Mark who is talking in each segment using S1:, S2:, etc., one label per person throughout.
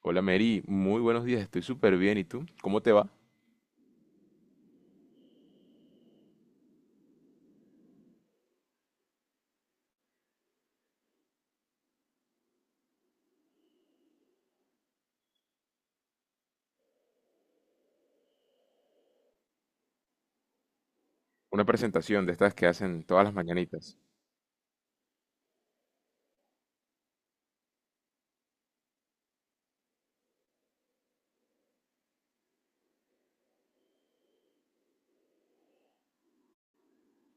S1: Hola Mary, muy buenos días, estoy súper bien. ¿Y tú? ¿Cómo te va? Una presentación de estas que hacen todas las mañanitas.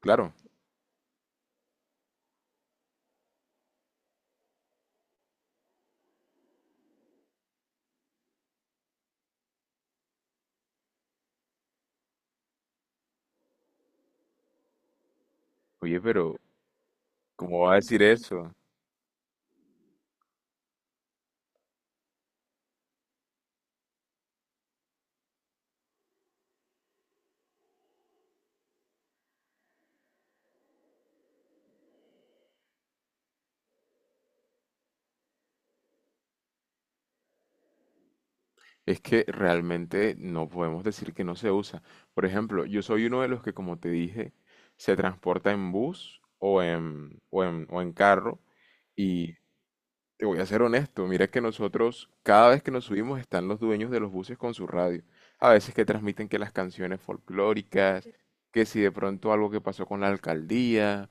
S1: Claro. Oye, pero ¿cómo va a decir eso? Es que realmente no podemos decir que no se usa. Por ejemplo, yo soy uno de los que, como te dije, se transporta en bus o en carro y te voy a ser honesto, mira que nosotros, cada vez que nos subimos, están los dueños de los buses con su radio. A veces que transmiten que las canciones folclóricas, que si de pronto algo que pasó con la alcaldía,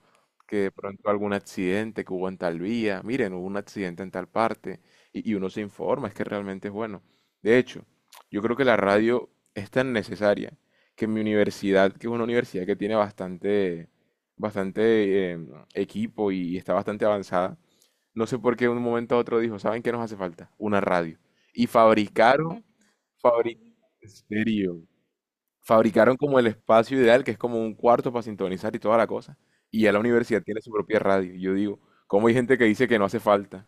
S1: que de pronto algún accidente que hubo en tal vía, miren, hubo un accidente en tal parte, y uno se informa, es que realmente es bueno. De hecho, yo creo que la radio es tan necesaria que en mi universidad, que es una universidad que tiene bastante, bastante equipo y está bastante avanzada, no sé por qué de un momento a otro dijo, ¿saben qué nos hace falta? Una radio. Y fabricaron, fabri- en serio, fabricaron como el espacio ideal, que es como un cuarto para sintonizar y toda la cosa. Y ya la universidad tiene su propia radio. Y yo digo, ¿cómo hay gente que dice que no hace falta?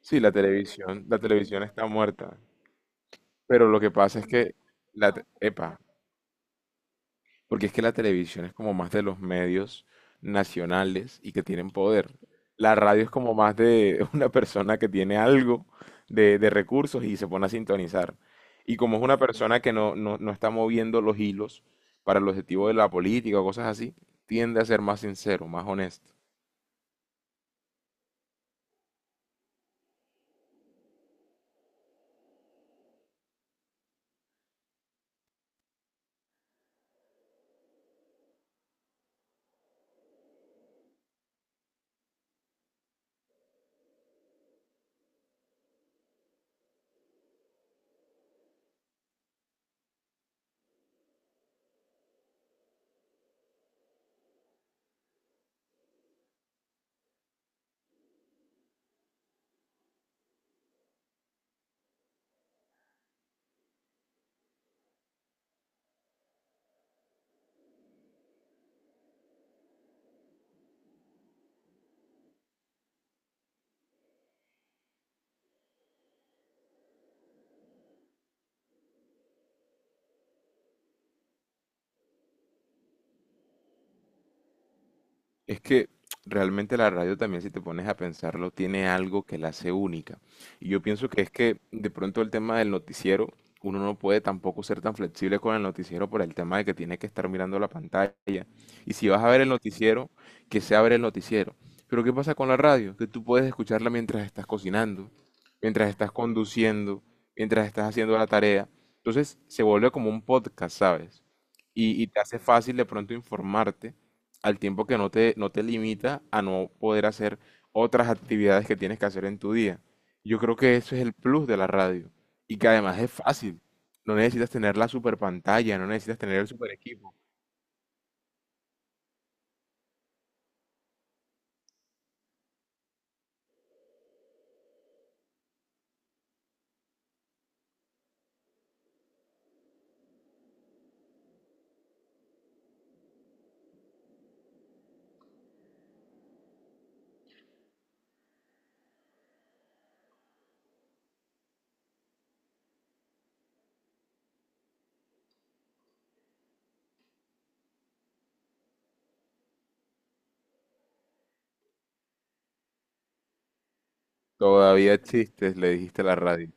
S1: Sí, la televisión está muerta. Pero lo que pasa es que, epa, porque es que la televisión es como más de los medios nacionales y que tienen poder. La radio es como más de una persona que tiene algo de recursos y se pone a sintonizar. Y como es una persona que no está moviendo los hilos para el objetivo de la política o cosas así, tiende a ser más sincero, más honesto. Es que realmente la radio también, si te pones a pensarlo, tiene algo que la hace única. Y yo pienso que es que de pronto el tema del noticiero, uno no puede tampoco ser tan flexible con el noticiero por el tema de que tiene que estar mirando la pantalla. Y si vas a ver el noticiero, que sea ver el noticiero. Pero ¿qué pasa con la radio? Que tú puedes escucharla mientras estás cocinando, mientras estás conduciendo, mientras estás haciendo la tarea. Entonces se vuelve como un podcast, ¿sabes? Y, y te hace fácil de pronto informarte al tiempo que no te limita a no poder hacer otras actividades que tienes que hacer en tu día. Yo creo que eso es el plus de la radio y que además es fácil. No necesitas tener la super pantalla, no necesitas tener el super equipo. Todavía existes, le dijiste a la radio.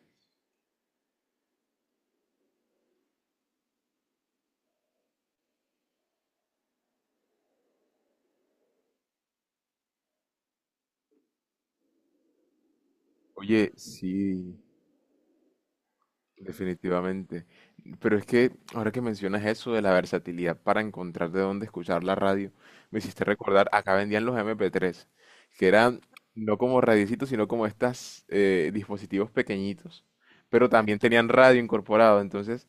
S1: Oye, sí, definitivamente. Pero es que ahora que mencionas eso de la versatilidad para encontrar de dónde escuchar la radio, me hiciste recordar, acá vendían los MP3, que eran no como radiecitos, sino como estos dispositivos pequeñitos, pero también tenían radio incorporado. Entonces,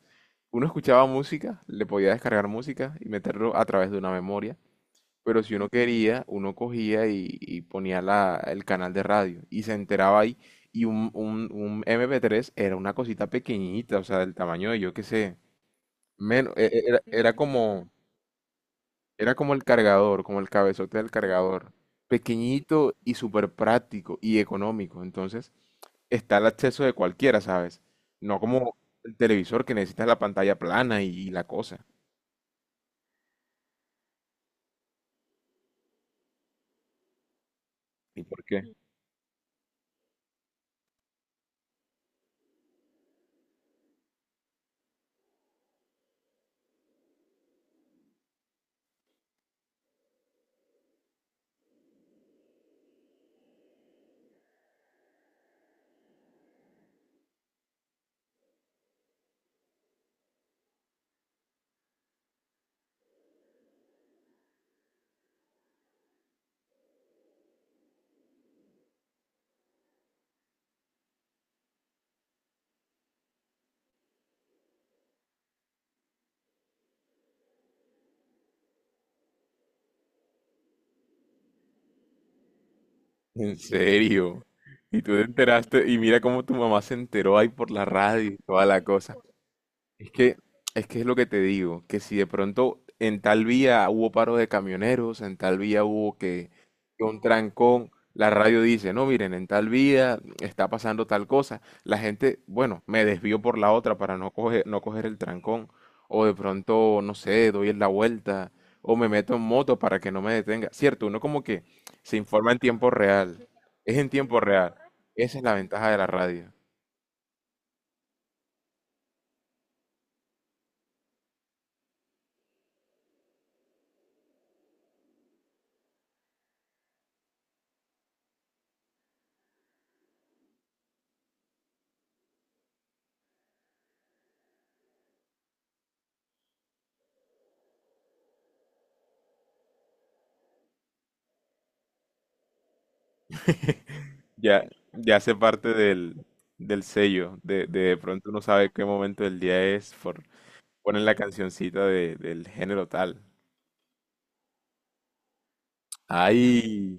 S1: uno escuchaba música, le podía descargar música y meterlo a través de una memoria, pero si uno quería, uno cogía y ponía la, el canal de radio y se enteraba ahí. Y un MP3 era una cosita pequeñita, o sea, del tamaño de yo qué sé. Menos, era, era como el cargador, como el cabezote del cargador. Pequeñito y súper práctico y económico. Entonces, está el acceso de cualquiera, ¿sabes? No como el televisor que necesitas la pantalla plana y la cosa. ¿Y por qué? ¿En serio? Y tú te enteraste, y mira cómo tu mamá se enteró ahí por la radio y toda la cosa. Es que, es que es lo que te digo, que si de pronto en tal vía hubo paro de camioneros, en tal vía hubo que un trancón, la radio dice, no, miren, en tal vía está pasando tal cosa, la gente, bueno, me desvío por la otra para no coger el trancón, o de pronto, no sé, doy la vuelta, o me meto en moto para que no me detenga. Cierto, uno como que se informa en tiempo real, es en tiempo real, esa es la ventaja de la radio. Ya, ya hace parte del, del sello. De pronto uno sabe qué momento del día es. Por, ponen la cancioncita de- del género tal. Ahí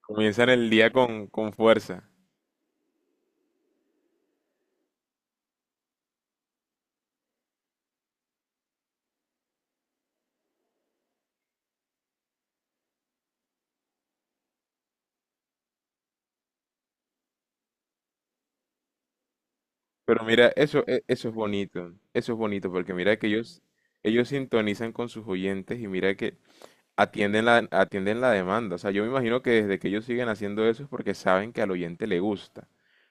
S1: comienzan el día con fuerza. Pero mira, eso, eso es bonito. Eso es bonito porque mira que ellos sintonizan con sus oyentes y mira que atienden la demanda. O sea, yo me imagino que desde que ellos siguen haciendo eso es porque saben que al oyente le gusta,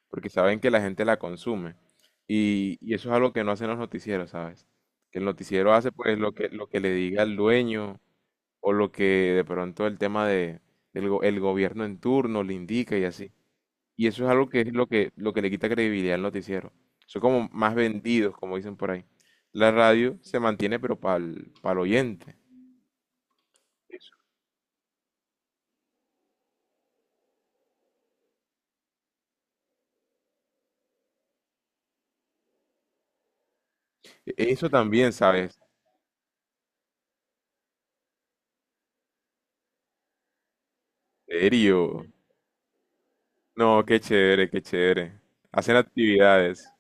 S1: porque saben que la gente la consume. Y eso es algo que no hacen los noticieros, ¿sabes? Que el noticiero hace pues lo que le diga el dueño o lo que de pronto el tema de, el gobierno en turno le indica y así. Y eso es algo que es lo que le quita credibilidad al noticiero. Son como más vendidos, como dicen por ahí. La radio se mantiene, pero para el oyente. E- Eso también, ¿sabes? Serio? No, qué chévere, qué chévere. Hacen actividades.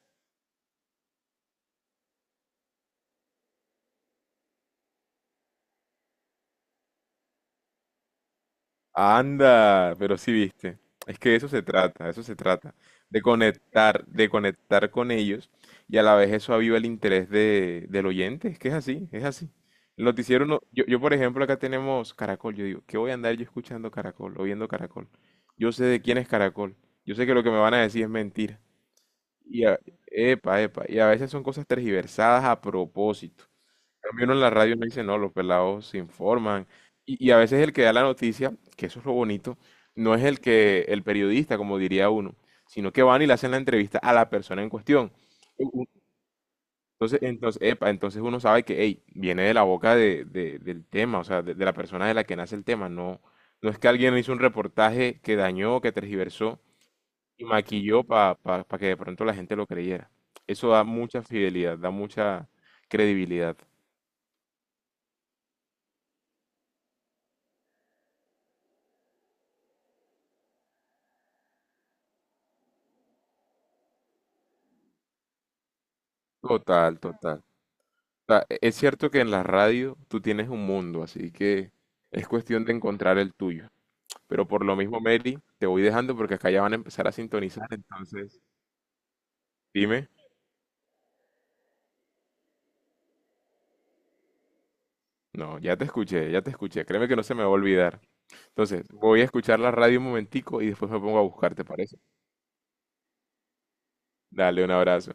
S1: Anda, pero sí viste. Es que de eso se trata, de eso se trata. De conectar con ellos y a la vez eso aviva el interés de, del oyente. Es que es así, es así. El noticiero no, yo por ejemplo acá tenemos Caracol. Yo digo, ¿qué voy a andar yo escuchando Caracol o viendo Caracol? Yo sé de quién es Caracol. Yo sé que lo que me van a decir es mentira. Y epa, epa. Y a veces son cosas tergiversadas a propósito. Cambio, uno en la radio no dice, no, los pelados se informan. Y a veces el que da la noticia, que eso es lo bonito, no es el que, el periodista, como diría uno, sino que van y le hacen la entrevista a la persona en cuestión. U- u- Entonces, entonces, epa, entonces uno sabe que, hey, viene de la boca de, del tema, o sea, de la persona de la que nace el tema. No, no es que alguien hizo un reportaje que dañó, que tergiversó y maquilló para que de pronto la gente lo creyera. Eso da mucha fidelidad, da mucha credibilidad. Total, total. Sea, es cierto que en la radio tú tienes un mundo, así que es cuestión de encontrar el tuyo. Pero por lo mismo, Mary, te voy dejando porque acá ya van a empezar a sintonizar, entonces dime. No, ya te escuché, ya te escuché. Créeme que no se me va a olvidar. Entonces, voy a escuchar la radio un momentico y después me pongo a buscar, ¿te parece? Dale un abrazo.